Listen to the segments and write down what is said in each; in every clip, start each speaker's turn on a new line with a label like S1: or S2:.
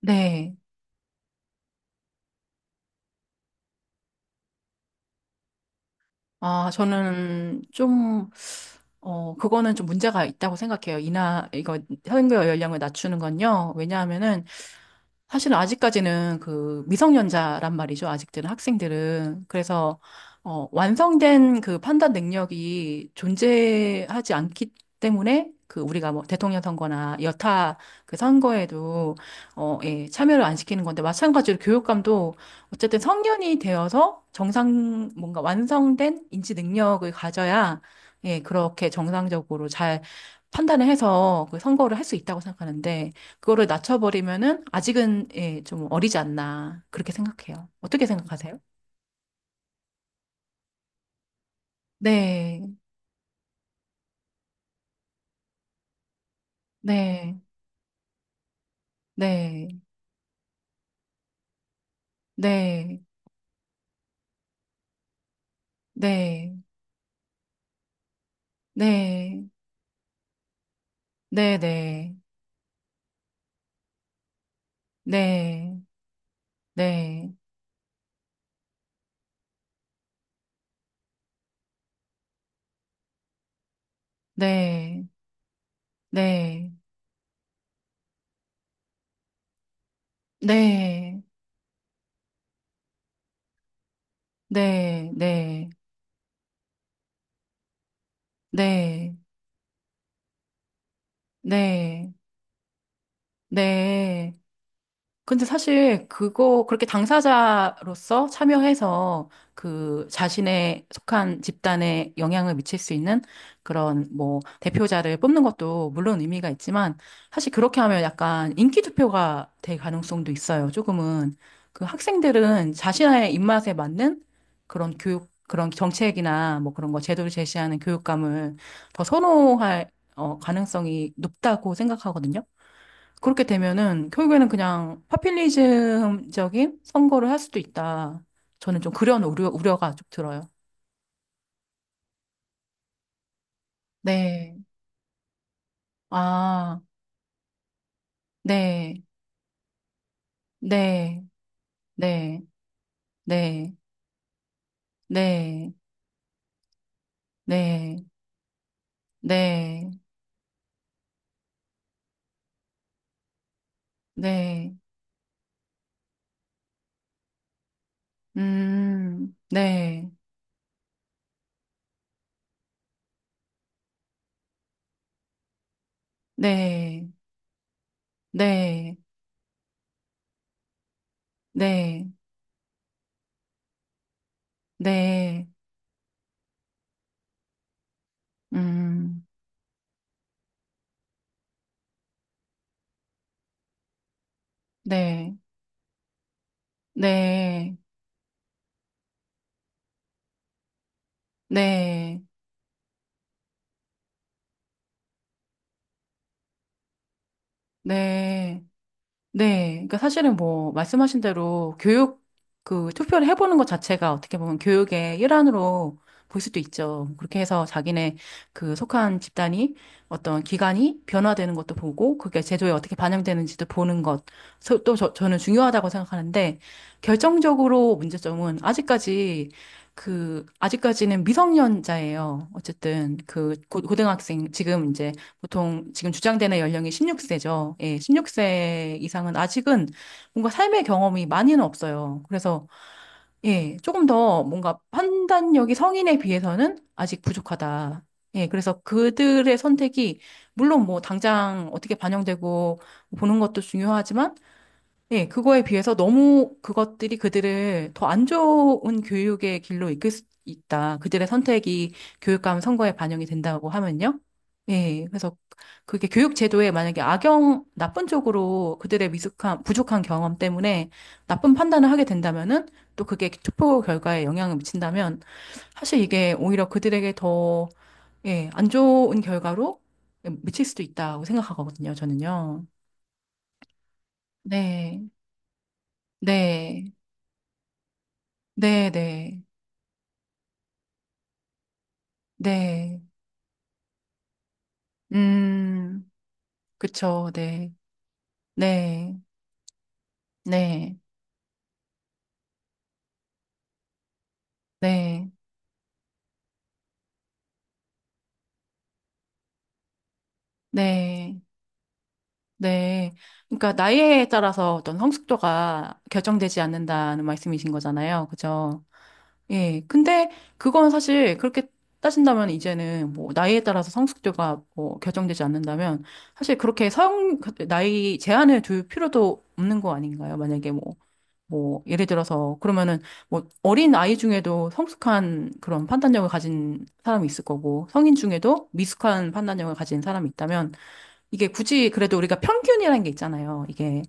S1: 네. 아, 저는 좀, 그거는 좀 문제가 있다고 생각해요. 선거 연령을 낮추는 건요. 왜냐하면은, 사실은 아직까지는 그 미성년자란 말이죠. 아직들은 학생들은. 그래서, 완성된 그 판단 능력이 존재하지 않기 때문에 그 우리가 뭐 대통령 선거나 여타 그 선거에도, 예, 참여를 안 시키는 건데 마찬가지로 교육감도 어쨌든 성년이 되어서 정상, 뭔가 완성된 인지 능력을 가져야, 예, 그렇게 정상적으로 잘 판단을 해서 그 선거를 할 수 있다고 생각하는데 그거를 낮춰버리면은 아직은 예, 좀 어리지 않나 그렇게 생각해요. 어떻게 생각하세요? 네, 네, 네, 네, 네, 네, 네, 네, 네, 네, 네, 네, 네, 네, 네, 네, 네, 네, 네. 근데 사실 그거 그렇게 당사자로서 참여해서 그 자신의 속한 집단에 영향을 미칠 수 있는 그런 뭐 대표자를 뽑는 것도 물론 의미가 있지만 사실 그렇게 하면 약간 인기 투표가 될 가능성도 있어요. 조금은 그 학생들은 자신의 입맛에 맞는 그런 교육 그런 정책이나 뭐 그런 거 제도를 제시하는 교육감을 더 선호할 가능성이 높다고 생각하거든요. 그렇게 되면은 결국에는 그냥 파퓰리즘적인 선거를 할 수도 있다. 저는 좀 그런 우려가 좀 들어요. 네. 아, 네. 네. 네. 네. 네. 네. 네. 네. 음. 네. 네. 네. 네. 네. 음. 네. 네. 네. 네. 네, 네. 그러니까 사실은 뭐, 말씀하신 대로 그 투표를 해보는 것 자체가 어떻게 보면 교육의 일환으로 볼 수도 있죠. 그렇게 해서 자기네 그 속한 집단이 어떤 기관이 변화되는 것도 보고 그게 제도에 어떻게 반영되는지도 보는 것. 또 저는 중요하다고 생각하는데 결정적으로 문제점은 아직까지 그, 아직까지는 미성년자예요. 어쨌든 그 고등학생, 지금 이제 보통 지금 주장되는 연령이 16세죠. 예, 16세 이상은 아직은 뭔가 삶의 경험이 많이는 없어요. 그래서 예, 조금 더 뭔가 판단력이 성인에 비해서는 아직 부족하다. 예, 그래서 그들의 선택이 물론 뭐 당장 어떻게 반영되고 보는 것도 중요하지만 네, 그거에 비해서 너무 그것들이 그들을 더 안 좋은 교육의 길로 이끌 수 있다. 그들의 선택이 교육감 선거에 반영이 된다고 하면요. 예, 그래서 그게 교육 제도에 만약에 나쁜 쪽으로 그들의 미숙한, 부족한 경험 때문에 나쁜 판단을 하게 된다면은 또 그게 투표 결과에 영향을 미친다면 사실 이게 오히려 그들에게 더, 예, 안 좋은 결과로 미칠 수도 있다고 생각하거든요, 저는요. 네, 네. 네, 네, 네. 음, 그쵸, 네, 네, 네, 네, 네, 네. 그러니까 나이에 따라서 어떤 성숙도가 결정되지 않는다는 말씀이신 거잖아요. 그죠? 예. 근데 그건 사실 그렇게 따진다면 이제는 뭐 나이에 따라서 성숙도가 뭐 결정되지 않는다면 사실 그렇게 나이 제한을 둘 필요도 없는 거 아닌가요? 만약에 뭐 뭐, 예를 들어서, 그러면은, 뭐, 어린 아이 중에도 성숙한 그런 판단력을 가진 사람이 있을 거고, 성인 중에도 미숙한 판단력을 가진 사람이 있다면, 이게 굳이 그래도 우리가 평균이라는 게 있잖아요. 이게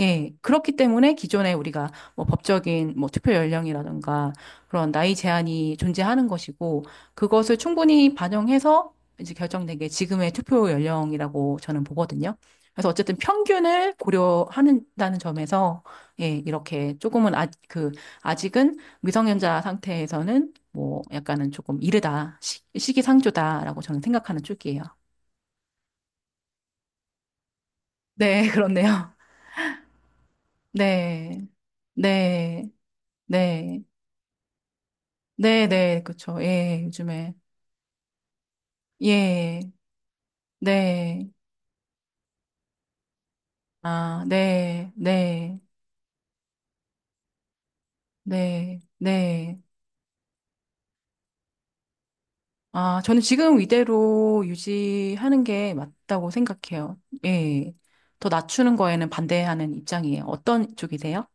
S1: 예, 그렇기 때문에 기존에 우리가 뭐 법적인 뭐 투표 연령이라든가 그런 나이 제한이 존재하는 것이고 그것을 충분히 반영해서 이제 결정된 게 지금의 투표 연령이라고 저는 보거든요. 그래서 어쨌든 평균을 고려한다는 점에서 예, 이렇게 조금은 아, 그 아직은 미성년자 상태에서는 뭐 약간은 조금 이르다 시기상조다라고 저는 생각하는 쪽이에요. 네, 그렇네요. 네, 네, 네. 네네, 그쵸. 예, 요즘에. 예, 네. 아, 네, 네, 네, 네. 아, 저는 지금 이대로 유지하는 게 맞다고 생각해요. 예. 더 낮추는 거에는 반대하는 입장이에요. 어떤 쪽이세요?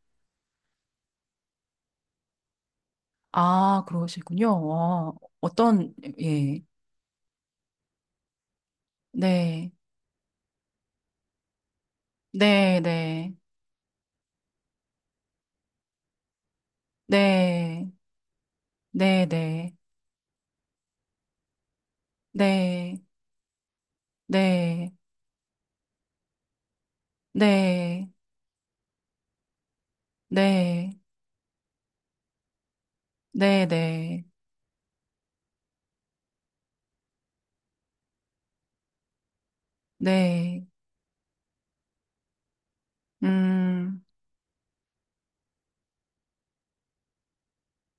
S1: 아, 그러시군요. 어떤, 예. 네, 네, 네, 네, 네, 네, 네, 네, 네, 네, 네, 네. 네. 음,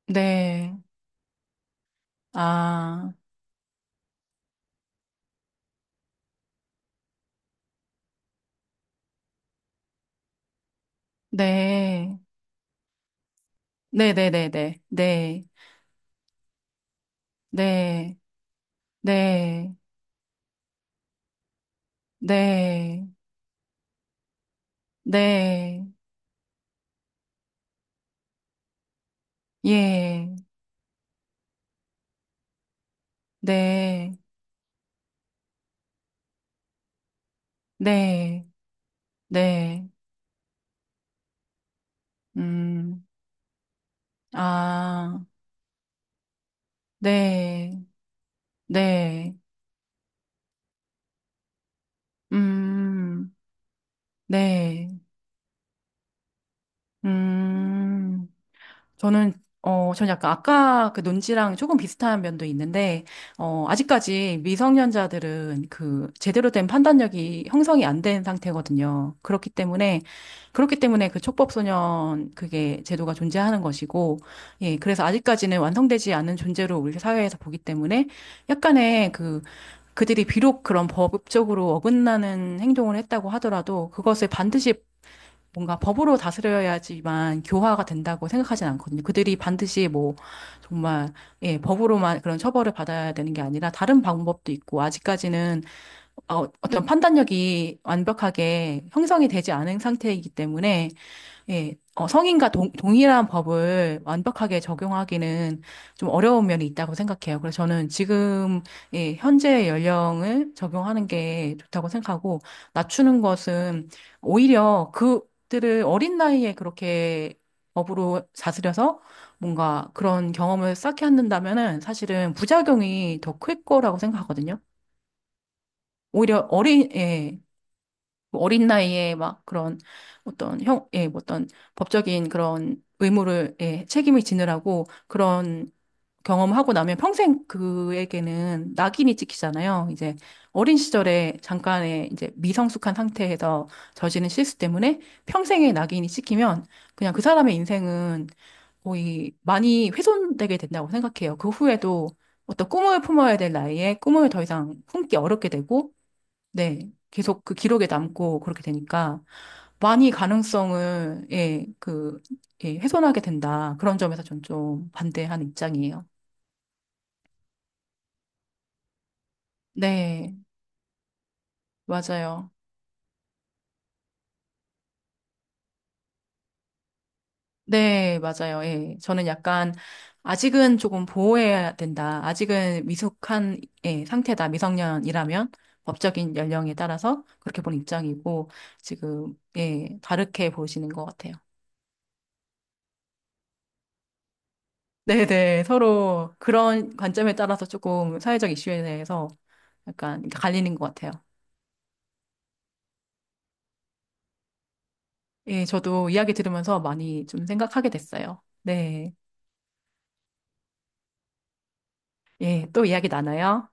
S1: 네. 아, 네. 네네네네. 네. 네. 네. 네. 네. 예. 네. 네. 네. 음, 아, 네. 네. 음, 네. 음. 저는 저는 약간 아까 그 논지랑 조금 비슷한 면도 있는데, 아직까지 미성년자들은 그 제대로 된 판단력이 형성이 안 된 상태거든요. 그렇기 때문에, 그렇기 때문에 그 촉법소년 그게 제도가 존재하는 것이고, 예, 그래서 아직까지는 완성되지 않은 존재로 우리 사회에서 보기 때문에 약간의 그 그들이 비록 그런 법적으로 어긋나는 행동을 했다고 하더라도 그것을 반드시 뭔가 법으로 다스려야지만 교화가 된다고 생각하진 않거든요. 그들이 반드시 뭐 정말 예, 법으로만 그런 처벌을 받아야 되는 게 아니라 다른 방법도 있고 아직까지는 어떤 판단력이 완벽하게 형성이 되지 않은 상태이기 때문에 예, 성인과 동일한 법을 완벽하게 적용하기는 좀 어려운 면이 있다고 생각해요. 그래서 저는 지금, 예, 현재의 연령을 적용하는 게 좋다고 생각하고, 낮추는 것은 오히려 그들을 어린 나이에 그렇게 법으로 다스려서 뭔가 그런 경험을 쌓게 한다면은 사실은 부작용이 더 클 거라고 생각하거든요. 오히려 어린, 예, 뭐 어린 나이에 막 그런 어떤 형, 예, 뭐 어떤 법적인 그런 의무를, 예, 책임을 지느라고 그런 경험하고 나면 평생 그에게는 낙인이 찍히잖아요. 이제 어린 시절에 잠깐의 이제 미성숙한 상태에서 저지른 실수 때문에 평생의 낙인이 찍히면 그냥 그 사람의 인생은 거의 많이 훼손되게 된다고 생각해요. 그 후에도 어떤 꿈을 품어야 될 나이에 꿈을 더 이상 품기 어렵게 되고 네. 계속 그 기록에 남고 그렇게 되니까 많이 가능성을, 예, 그, 예, 훼손하게 된다. 그런 점에서 전 좀 반대하는 입장이에요. 네, 맞아요. 네, 맞아요. 예. 저는 약간 아직은 조금 보호해야 된다. 아직은 미숙한 예, 상태다. 미성년이라면 법적인 연령에 따라서 그렇게 본 입장이고 지금 예, 다르게 보시는 것 같아요. 네네. 서로 그런 관점에 따라서 조금 사회적 이슈에 대해서 약간 갈리는 것 같아요. 예, 저도 이야기 들으면서 많이 좀 생각하게 됐어요. 네. 예, 또 이야기 나눠요.